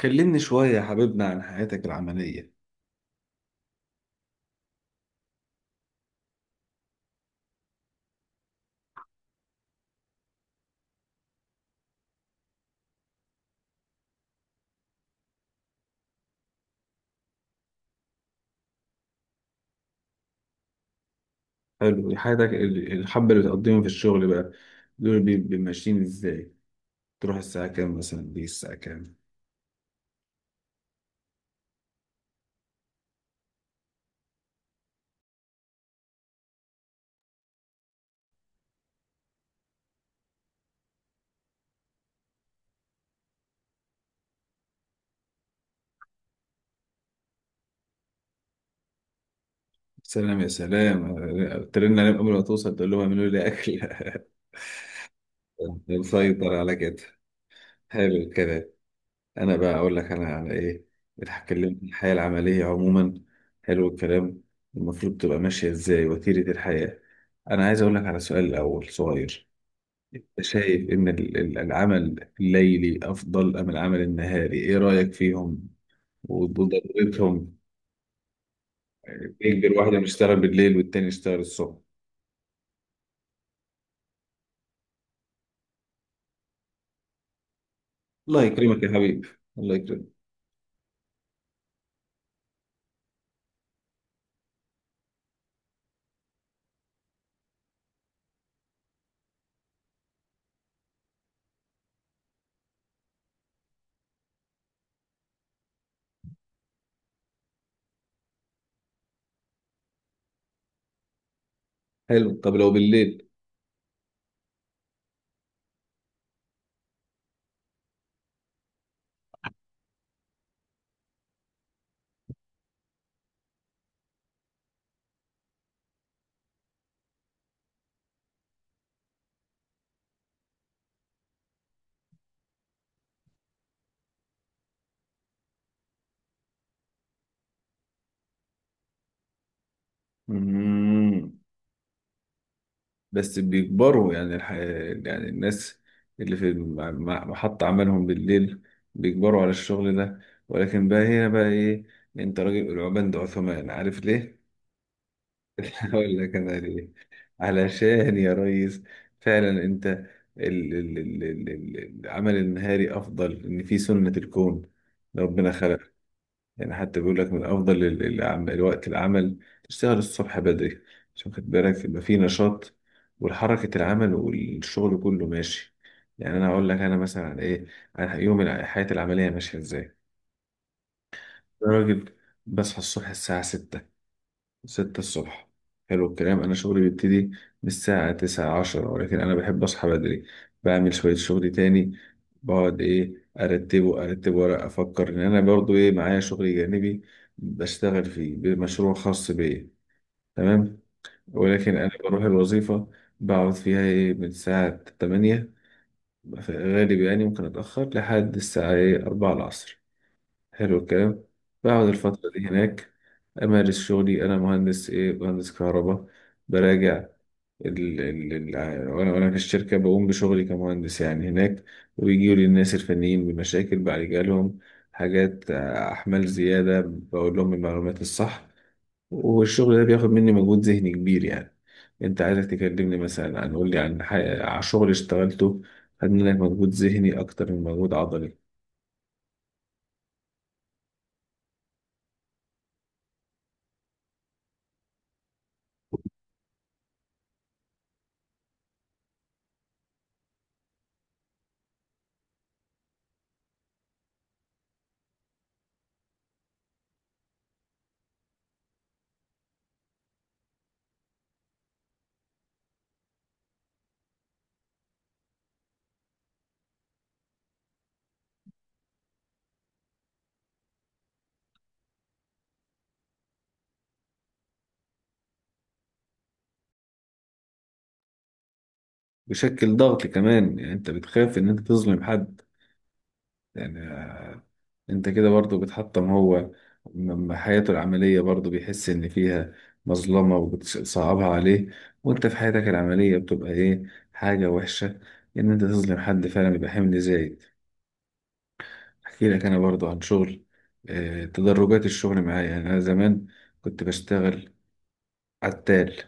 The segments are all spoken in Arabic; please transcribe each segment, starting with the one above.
كلمني شوية يا حبيبنا عن حياتك العملية. حلو، حياتك الحبة اللي بتقضيهم في الشغل بقى دول ماشيين ازاي؟ تروح الساعة كام مثلا، دي الساعة كام؟ سلام يا سلام، ترن عليهم قبل ما توصل تقول لهم اعملوا لي أكل مسيطر على كده. حلو الكلام. أنا بقى أقول لك أنا على إيه، بتكلم الحياة العملية عموما. حلو الكلام. المفروض تبقى ماشية ازاي وتيرة الحياة؟ أنا عايز أقول لك على سؤال الأول صغير. شايف إن العمل الليلي أفضل أم العمل النهاري؟ إيه رأيك فيهم وضرورتهم؟ يقدر واحد يشتغل بالليل والتاني يشتغل الصبح. الله يكرمك يا حبيبي، الله يكرمك. حلو، طب لو بالليل؟ مم. بس بيكبروا يعني يعني الناس اللي في محط عملهم بالليل بيكبروا على الشغل ده، ولكن بقى هنا بقى إيه؟ أنت راجل العبان ده عثمان، عارف ليه؟ هقول لك أنا ليه. علشان يا ريس فعلا انت العمل النهاري افضل، ان في سنة الكون ربنا خلق، يعني حتى بيقول لك من افضل الوقت العمل تشتغل الصبح بدري، عشان خد بالك يبقى في نشاط والحركة، العمل والشغل كله ماشي. يعني انا اقول لك انا مثلا عن ايه، عن يوم حياتي العملية ماشية ازاي. أنا راجل بصحى الصبح الساعة 6، ستة الصبح. حلو الكلام. أنا شغلي بيبتدي من الساعة تسعة عشرة، ولكن أنا بحب أصحى بدري، بعمل شوية شغل تاني، بقعد إيه أرتبه، أرتب ورق، أفكر إن أنا برضو إيه معايا شغل جانبي بشتغل فيه، بمشروع خاص بيا. تمام. ولكن أنا بروح الوظيفة بقعد فيها إيه من الساعة 8 في الغالب، يعني ممكن أتأخر لحد الساعة إيه 4 العصر. حلو الكلام. بقعد الفترة دي هناك أمارس شغلي، أنا مهندس إيه، مهندس كهرباء، براجع ال ال ال وأنا في الشركة بقوم بشغلي كمهندس يعني هناك، وبيجيوا لي الناس الفنيين بمشاكل بعالجها لهم، حاجات أحمال زيادة بقول لهم المعلومات الصح. والشغل ده بياخد مني مجهود ذهني كبير يعني. أنت عايزك تكلمني مثلا عن، قول لي عن عن شغل اشتغلته، خد منك مجهود ذهني أكتر من مجهود عضلي. بيشكل ضغط كمان، يعني انت بتخاف ان انت تظلم حد، يعني انت كده برضو بتحطم هو، حياته العملية برضو، بيحس ان فيها مظلمة وبتصعبها عليه، وانت في حياتك العملية بتبقى ايه، حاجة وحشة ان انت تظلم حد، فعلا بيبقى حمل زايد. احكي لك انا برضو عن شغل، تدرجات الشغل معايا. يعني انا زمان كنت بشتغل عتال،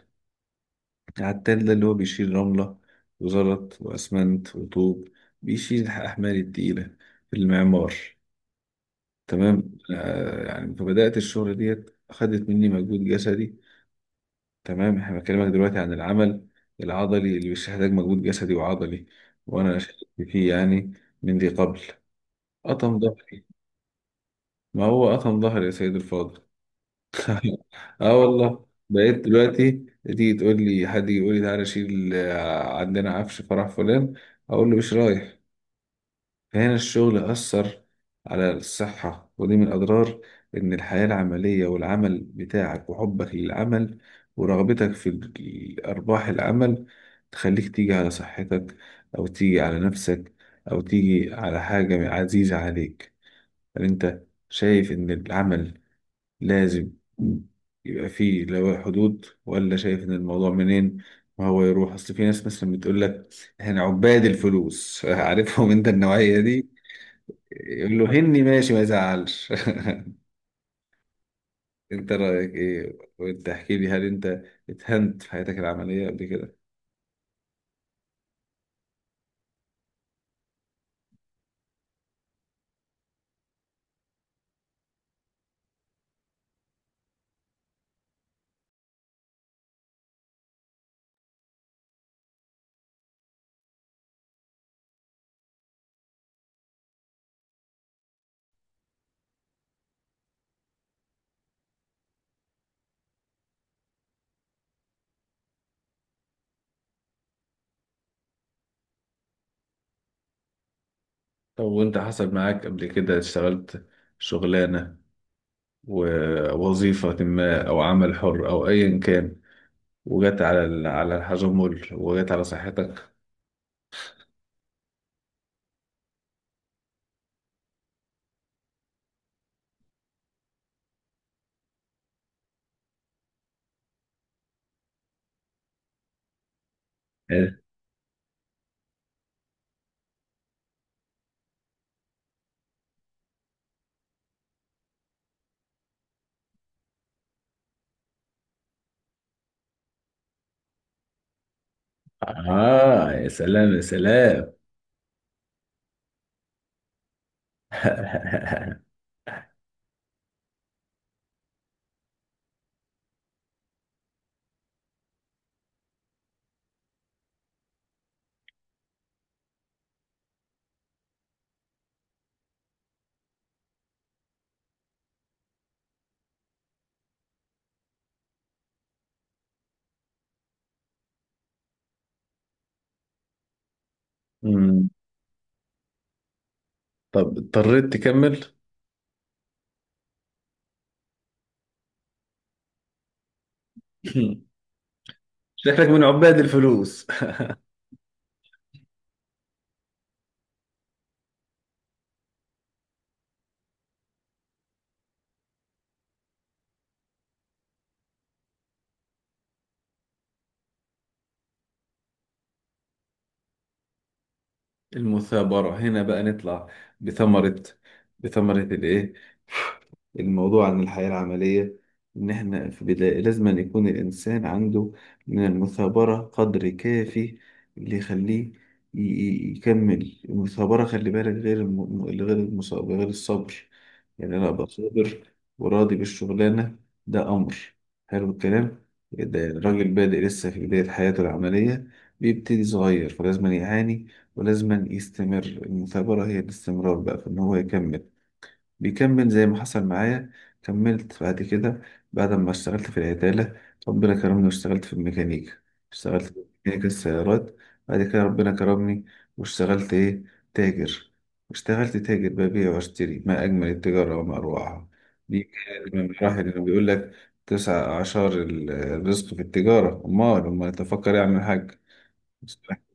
العتال ده اللي هو بيشيل رملة وزلط وأسمنت وطوب، بيشيل الأحمال التقيلة في المعمار. تمام، يعني فبدأت الشغل ديت، أخدت مني مجهود جسدي. تمام، إحنا بكلمك دلوقتي عن العمل العضلي اللي بيحتاج مجهود جسدي وعضلي، وأنا شاركت فيه يعني من ذي قبل، قطم ظهري. ما هو قطم ظهري يا سيد الفاضل، اه والله بقيت دلوقتي تيجي تقول لي، حد يجي يقول لي تعالى شيل، عندنا عفش فرح فلان، اقول له مش رايح. فهنا الشغل اثر على الصحه، ودي من اضرار ان الحياه العمليه والعمل بتاعك وحبك للعمل ورغبتك في ارباح العمل، تخليك تيجي على صحتك، او تيجي على نفسك، او تيجي على حاجه عزيزه عليك. هل انت شايف ان العمل لازم يبقى في لو حدود، ولا شايف ان الموضوع منين ما هو يروح؟ اصل في ناس مثلا بتقول لك احنا عباد الفلوس عارفهم انت النوعية دي، يقول له هني ماشي ما يزعلش. انت رأيك ايه؟ وانت احكي لي، هل انت اتهنت في حياتك العملية قبل كده؟ طب وانت حصل معاك قبل كده اشتغلت شغلانة ووظيفة ما، او عمل حر او ايا كان، وجت على على الحجمل، وجت على صحتك؟ آه يا سلام، يا سلام. مم. طب اضطريت تكمل؟ شكلك من عباد الفلوس. المثابرة هنا بقى نطلع بثمرة، الإيه الموضوع عن الحياة العملية، إن إحنا في بداية لازم أن يكون الإنسان عنده من المثابرة قدر كافي اللي يخليه يكمل. المثابرة خلي بالك غير غير المصاب، غير الصبر، يعني أنا أبقى صابر وراضي بالشغلانة، ده أمر. حلو الكلام. ده الراجل بادئ لسه في بداية حياته العملية، بيبتدي صغير فلازم يعاني ولازم يستمر، المثابرة هي الاستمرار بقى في إن هو يكمل. بيكمل زي ما حصل معايا، كملت بعد كده، بعد ما اشتغلت في العدالة ربنا كرمني واشتغلت في الميكانيكا، اشتغلت في ميكانيكا السيارات، بعد كده ربنا كرمني واشتغلت ايه، تاجر، واشتغلت تاجر، ببيع واشتري، ما أجمل التجارة وما أروعها. دي كانت من المراحل، اللي بيقول لك تسع أعشار الرزق في التجارة، أمال أمال تفكر يعمل حاجة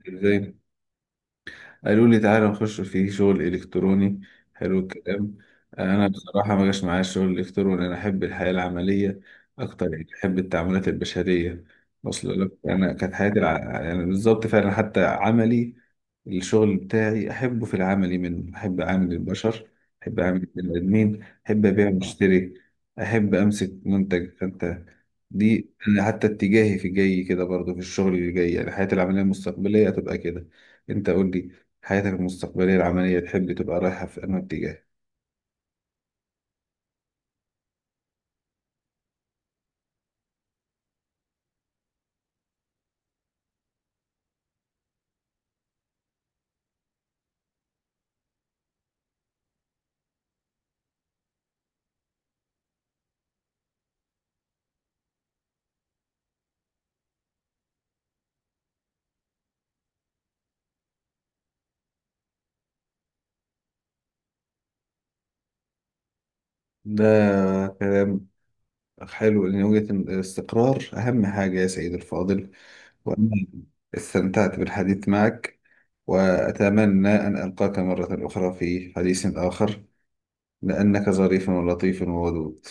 ازاي؟ قالوا لي تعالى نخش في شغل إلكتروني. حلو الكلام. أنا بصراحة ما جاش معايا الشغل الإلكتروني، أنا أحب الحياة العملية أكتر، يعني أحب التعاملات البشرية. وصل لك، أنا كانت حياتي يعني بالظبط فعلا حتى عملي، الشغل بتاعي أحبه في العملي، من أحب أعامل البشر، أحب أعامل البني آدمين، أحب أبيع وأشتري، أحب أمسك منتج فأنت. دي أنا حتى اتجاهي في جاي كده برضه، في الشغل اللي جاي، يعني حياتي العملية المستقبلية هتبقى كده. أنت قول لي، حياتك المستقبلية العملية تحب تبقى رايحة في أنهي اتجاه؟ ده كلام حلو، لأن وجهة الاستقرار أهم حاجة يا سيد الفاضل. وأنا استمتعت بالحديث معك وأتمنى أن ألقاك مرة أخرى في حديث آخر، لأنك ظريف ولطيف وودود.